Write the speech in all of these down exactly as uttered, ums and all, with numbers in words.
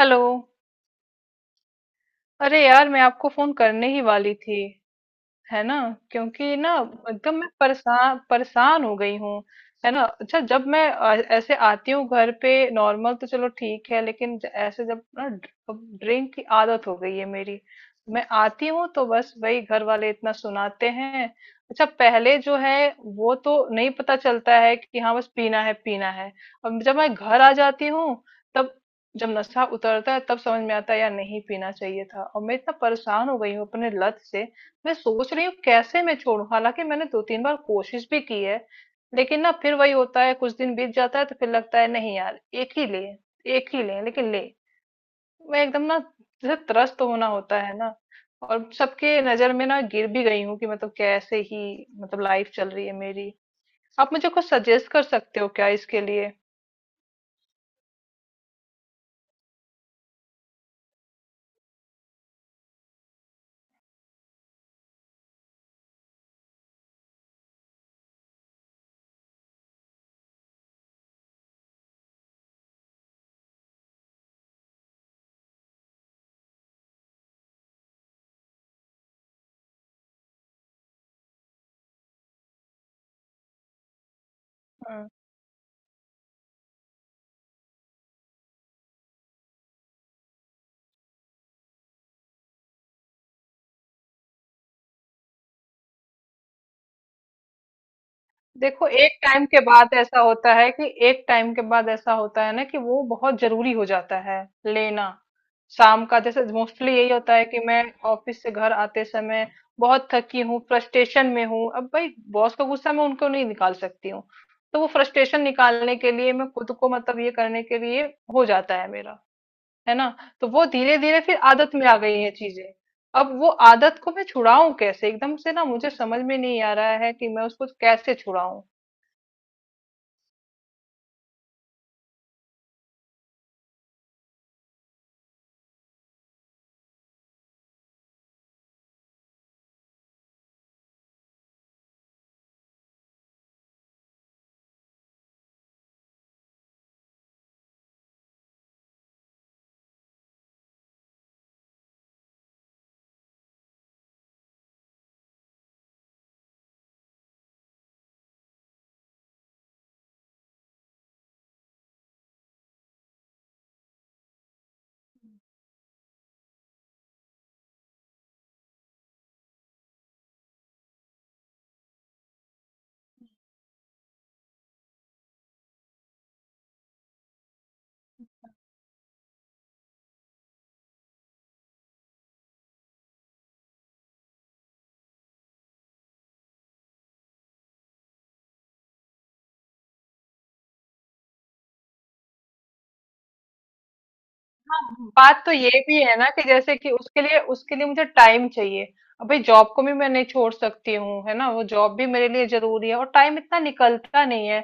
Hello. अरे यार, मैं आपको फोन करने ही वाली थी, है ना। क्योंकि ना, एकदम मैं परेशान परेशान हो गई हूँ, है ना। अच्छा, जब मैं अ, ऐसे आती हूँ घर पे नॉर्मल तो चलो ठीक है, लेकिन ज- ऐसे जब ना, ड्रिंक की आदत हो गई है मेरी। मैं आती हूँ तो बस वही घर वाले इतना सुनाते हैं। अच्छा, पहले जो है वो तो नहीं पता चलता है कि हाँ बस पीना है पीना है। अब जब मैं घर आ जाती हूँ, तब, जब नशा उतरता है, तब समझ में आता है यार नहीं पीना चाहिए था, और मैं इतना परेशान हो गई हूँ अपने लत से। मैं सोच रही हूँ कैसे मैं छोड़ूं। हालांकि मैंने दो तीन बार कोशिश भी की है, लेकिन ना फिर वही होता है, कुछ दिन बीत जाता है तो फिर लगता है नहीं यार एक ही ले, एक ही ले, लेकिन ले। मैं एकदम ना जैसे त्रस्त होना होता है ना, और सबके नजर में ना गिर भी गई हूँ, कि मतलब कैसे ही, मतलब लाइफ चल रही है मेरी। आप मुझे कुछ सजेस्ट कर सकते हो क्या इसके लिए? हाँ। देखो, एक टाइम के बाद ऐसा होता है कि एक टाइम के बाद ऐसा होता है ना कि वो बहुत जरूरी हो जाता है लेना। शाम का जैसे मोस्टली यही होता है कि मैं ऑफिस से घर आते समय बहुत थकी हूँ, फ्रस्ट्रेशन में हूँ। अब भाई बॉस का गुस्सा मैं उनको नहीं निकाल सकती हूँ, तो वो फ्रस्ट्रेशन निकालने के लिए मैं खुद को, मतलब, ये करने के लिए हो जाता है मेरा, है ना। तो वो धीरे धीरे फिर आदत में आ गई है चीजें। अब वो आदत को मैं छुड़ाऊं कैसे एकदम से, ना मुझे समझ में नहीं आ रहा है कि मैं उसको कैसे छुड़ाऊं। हाँ, बात तो ये भी है ना कि जैसे कि उसके लिए उसके लिए मुझे टाइम चाहिए। अभी जॉब को भी मैं नहीं छोड़ सकती हूँ, है ना, वो जॉब भी मेरे लिए जरूरी है, और टाइम इतना निकलता नहीं है।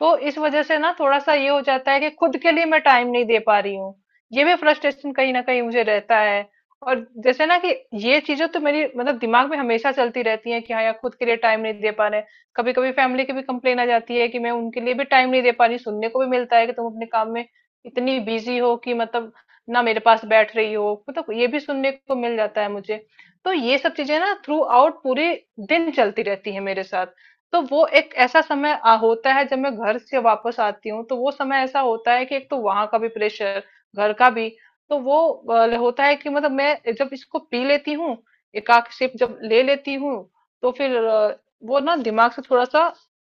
तो इस वजह से ना थोड़ा सा ये हो जाता है कि खुद के लिए मैं टाइम नहीं दे पा रही हूँ, ये भी फ्रस्ट्रेशन कहीं ना कहीं मुझे रहता है। और जैसे ना कि ये चीजें तो मेरी, मतलब, दिमाग में हमेशा चलती रहती है कि हाँ यार खुद के लिए टाइम नहीं दे पा रहे। कभी कभी फैमिली की भी कंप्लेन आ जाती है कि मैं उनके लिए भी टाइम नहीं दे पा रही, सुनने को भी मिलता है कि तुम अपने काम में इतनी बिजी हो कि मतलब ना मेरे पास बैठ रही हो, मतलब ये भी सुनने को मिल जाता है मुझे। तो ये सब चीजें ना थ्रू आउट पूरे दिन चलती रहती है मेरे साथ। तो वो एक ऐसा समय आ, होता है जब मैं घर से वापस आती हूँ, तो वो समय ऐसा होता है कि एक तो वहां का भी प्रेशर, घर का भी। तो वो अ, होता है कि मतलब मैं जब इसको पी लेती हूँ, एकाक सिप जब ले लेती हूँ, तो फिर अ, वो ना दिमाग से थोड़ा सा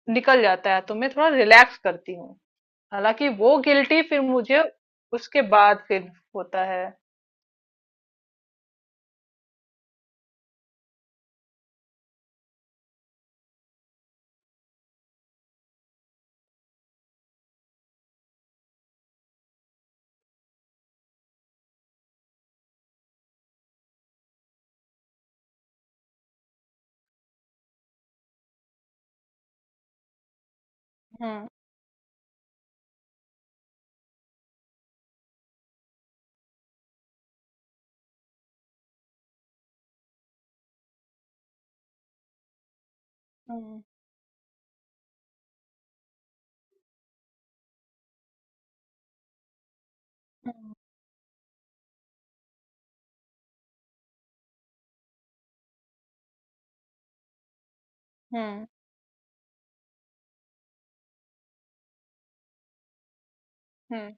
निकल जाता है तो मैं थोड़ा रिलैक्स करती हूँ। हालांकि वो गिल्टी फिर मुझे उसके बाद फिर होता है। हम्म। हम्म। हम्म। हम्म। हम्म।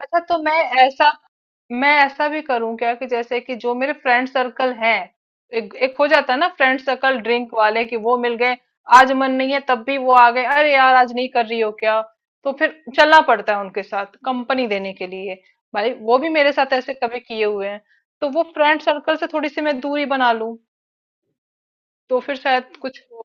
अच्छा, तो मैं, ऐसा मैं ऐसा भी करूं क्या कि जैसे कि जो मेरे फ्रेंड सर्कल हैं, एक, एक हो जाता है ना, फ्रेंड सर्कल ड्रिंक वाले, कि वो मिल गए, आज मन नहीं है तब भी वो आ गए, अरे यार आज नहीं कर रही हो क्या, तो फिर चलना पड़ता है उनके साथ कंपनी देने के लिए। भाई वो भी मेरे साथ ऐसे कभी किए हुए हैं। तो वो फ्रेंड सर्कल से थोड़ी सी मैं दूरी बना लूं तो फिर शायद कुछ हो।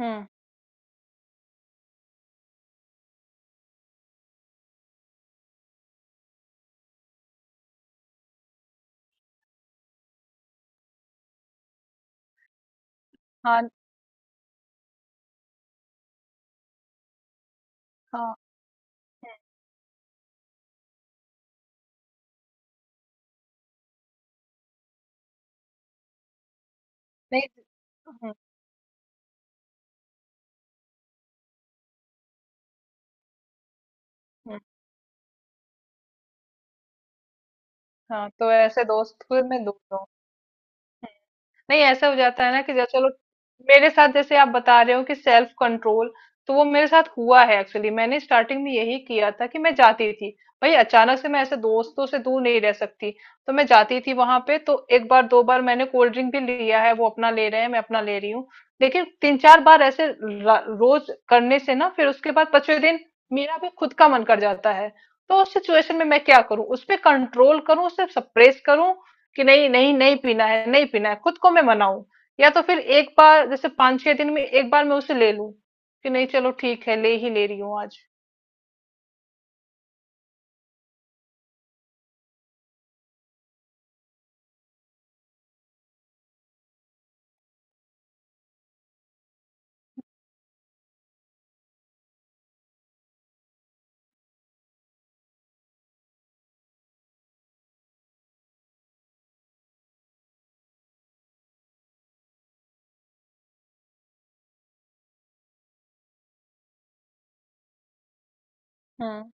हम्म। हाँ हाँ। हम्म, नहीं। हम्म। हम्म। हाँ, तो ऐसे दोस्त फिर मैं दूर हूँ। नहीं, ऐसा हो जाता है ना कि जैसे चलो, मेरे साथ जैसे आप बता रहे हो कि सेल्फ कंट्रोल, तो वो मेरे साथ हुआ है एक्चुअली। मैंने स्टार्टिंग में यही किया था कि मैं जाती थी। भाई अचानक से मैं ऐसे दोस्तों से दूर नहीं रह सकती। तो मैं जाती थी वहां पे, तो एक बार दो बार मैंने कोल्ड ड्रिंक भी लिया है, वो अपना ले रहे हैं, मैं अपना ले रही हूँ। लेकिन तीन चार बार ऐसे रा- रोज करने से ना, फिर उसके बाद पांचवें दिन मेरा भी खुद का मन कर जाता है। तो उस सिचुएशन में मैं क्या करूं? उस पे कंट्रोल करूं, उसे सप्रेस करूं कि नहीं नहीं नहीं पीना है नहीं पीना है खुद को मैं मनाऊं, या तो फिर एक बार जैसे पांच छह दिन में एक बार मैं उसे ले लूं कि नहीं चलो ठीक है ले ही ले रही हूँ आज। हम्म।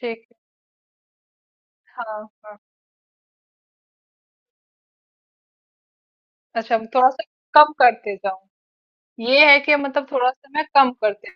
ठीक है। हाँ हाँ। अच्छा, थोड़ा सा कम करते जाऊं, ये है कि मतलब थोड़ा सा मैं कम करते।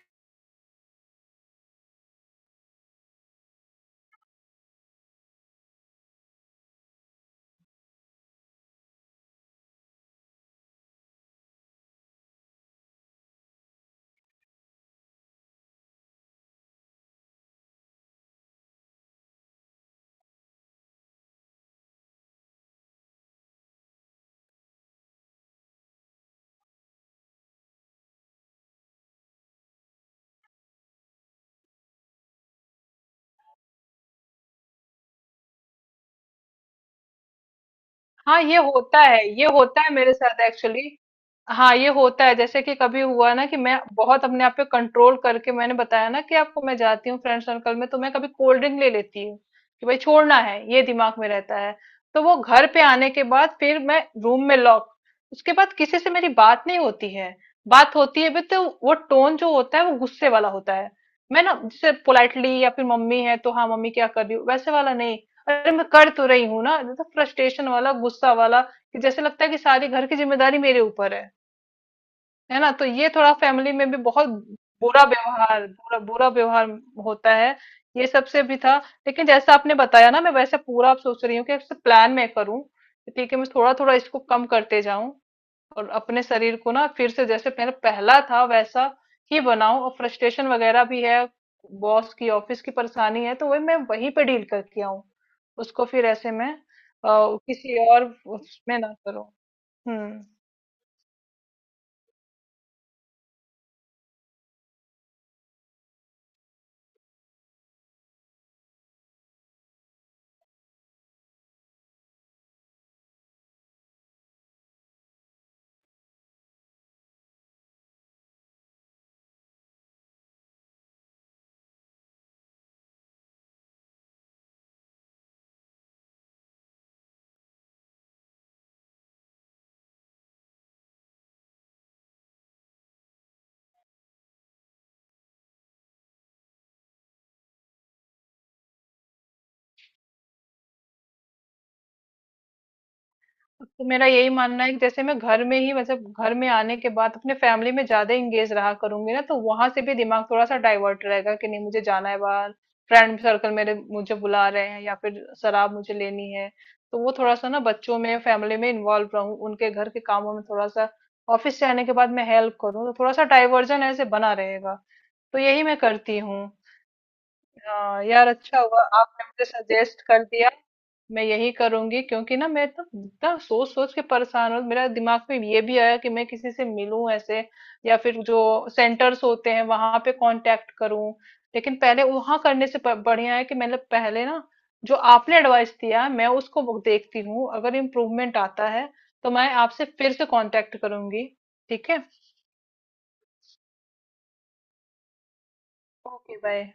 हाँ, ये होता है, ये होता है मेरे साथ एक्चुअली। हाँ, ये होता है। जैसे कि कभी हुआ ना कि मैं बहुत अपने आप पे कंट्रोल करके, मैंने बताया ना कि आपको, मैं जाती हूँ फ्रेंड सर्कल में तो मैं कभी कोल्ड ड्रिंक ले लेती हूँ, कि भाई छोड़ना है ये दिमाग में रहता है। तो वो घर पे आने के बाद फिर मैं रूम में लॉक। उसके बाद किसी से मेरी बात नहीं होती है, बात होती है भी तो वो टोन जो होता है वो गुस्से वाला होता है। मैं ना जैसे पोलाइटली या फिर मम्मी है तो हाँ मम्मी क्या कर रही हूँ वैसे वाला नहीं, अरे मैं कर तो रही हूँ ना, तो फ्रस्ट्रेशन वाला गुस्सा वाला, कि जैसे लगता है कि सारी घर की जिम्मेदारी मेरे ऊपर है है ना। तो ये थोड़ा फैमिली में भी बहुत बुरा व्यवहार, बुरा बुरा व्यवहार होता है। ये सबसे भी था। लेकिन जैसा आपने बताया ना, मैं वैसे पूरा अब सोच रही हूँ कि प्लान मैं करूँ। ठीक है, मैं थोड़ा थोड़ा इसको कम करते जाऊं, और अपने शरीर को ना फिर से जैसे पहले पहला था वैसा ही बनाऊं। और फ्रस्ट्रेशन वगैरह भी है, बॉस की ऑफिस की परेशानी है, तो वही मैं वहीं पे डील करके आऊं, उसको फिर ऐसे मैं अ, किसी और उसमें ना करूं। हम्म। तो मेरा यही मानना है कि जैसे मैं घर में ही, मतलब घर में आने के बाद अपने फैमिली में ज्यादा इंगेज रहा करूंगी ना, तो वहां से भी दिमाग थोड़ा सा डाइवर्ट रहेगा, कि नहीं मुझे जाना है बाहर, फ्रेंड सर्कल मेरे मुझे बुला रहे हैं या फिर शराब मुझे लेनी है। तो वो थोड़ा सा ना बच्चों में, फैमिली में इन्वॉल्व रहूं, उनके घर के कामों में थोड़ा सा ऑफिस से आने के बाद मैं हेल्प करूँ, तो थोड़ा सा डाइवर्जन ऐसे बना रहेगा। तो यही मैं करती हूँ। आ, यार अच्छा हुआ आपने मुझे सजेस्ट कर दिया। मैं यही करूंगी, क्योंकि ना मैं तो इतना सोच सोच के परेशान हूँ। मेरा दिमाग में ये भी आया कि मैं किसी से मिलूं ऐसे, या फिर जो सेंटर्स होते हैं वहां पे कांटेक्ट करूं। लेकिन पहले वहां करने से, प- बढ़िया है कि मैंने पहले ना जो आपने एडवाइस दिया मैं उसको वो देखती हूँ, अगर इम्प्रूवमेंट आता है तो मैं आपसे फिर से कांटेक्ट करूंगी, ठीक है। Okay, bye.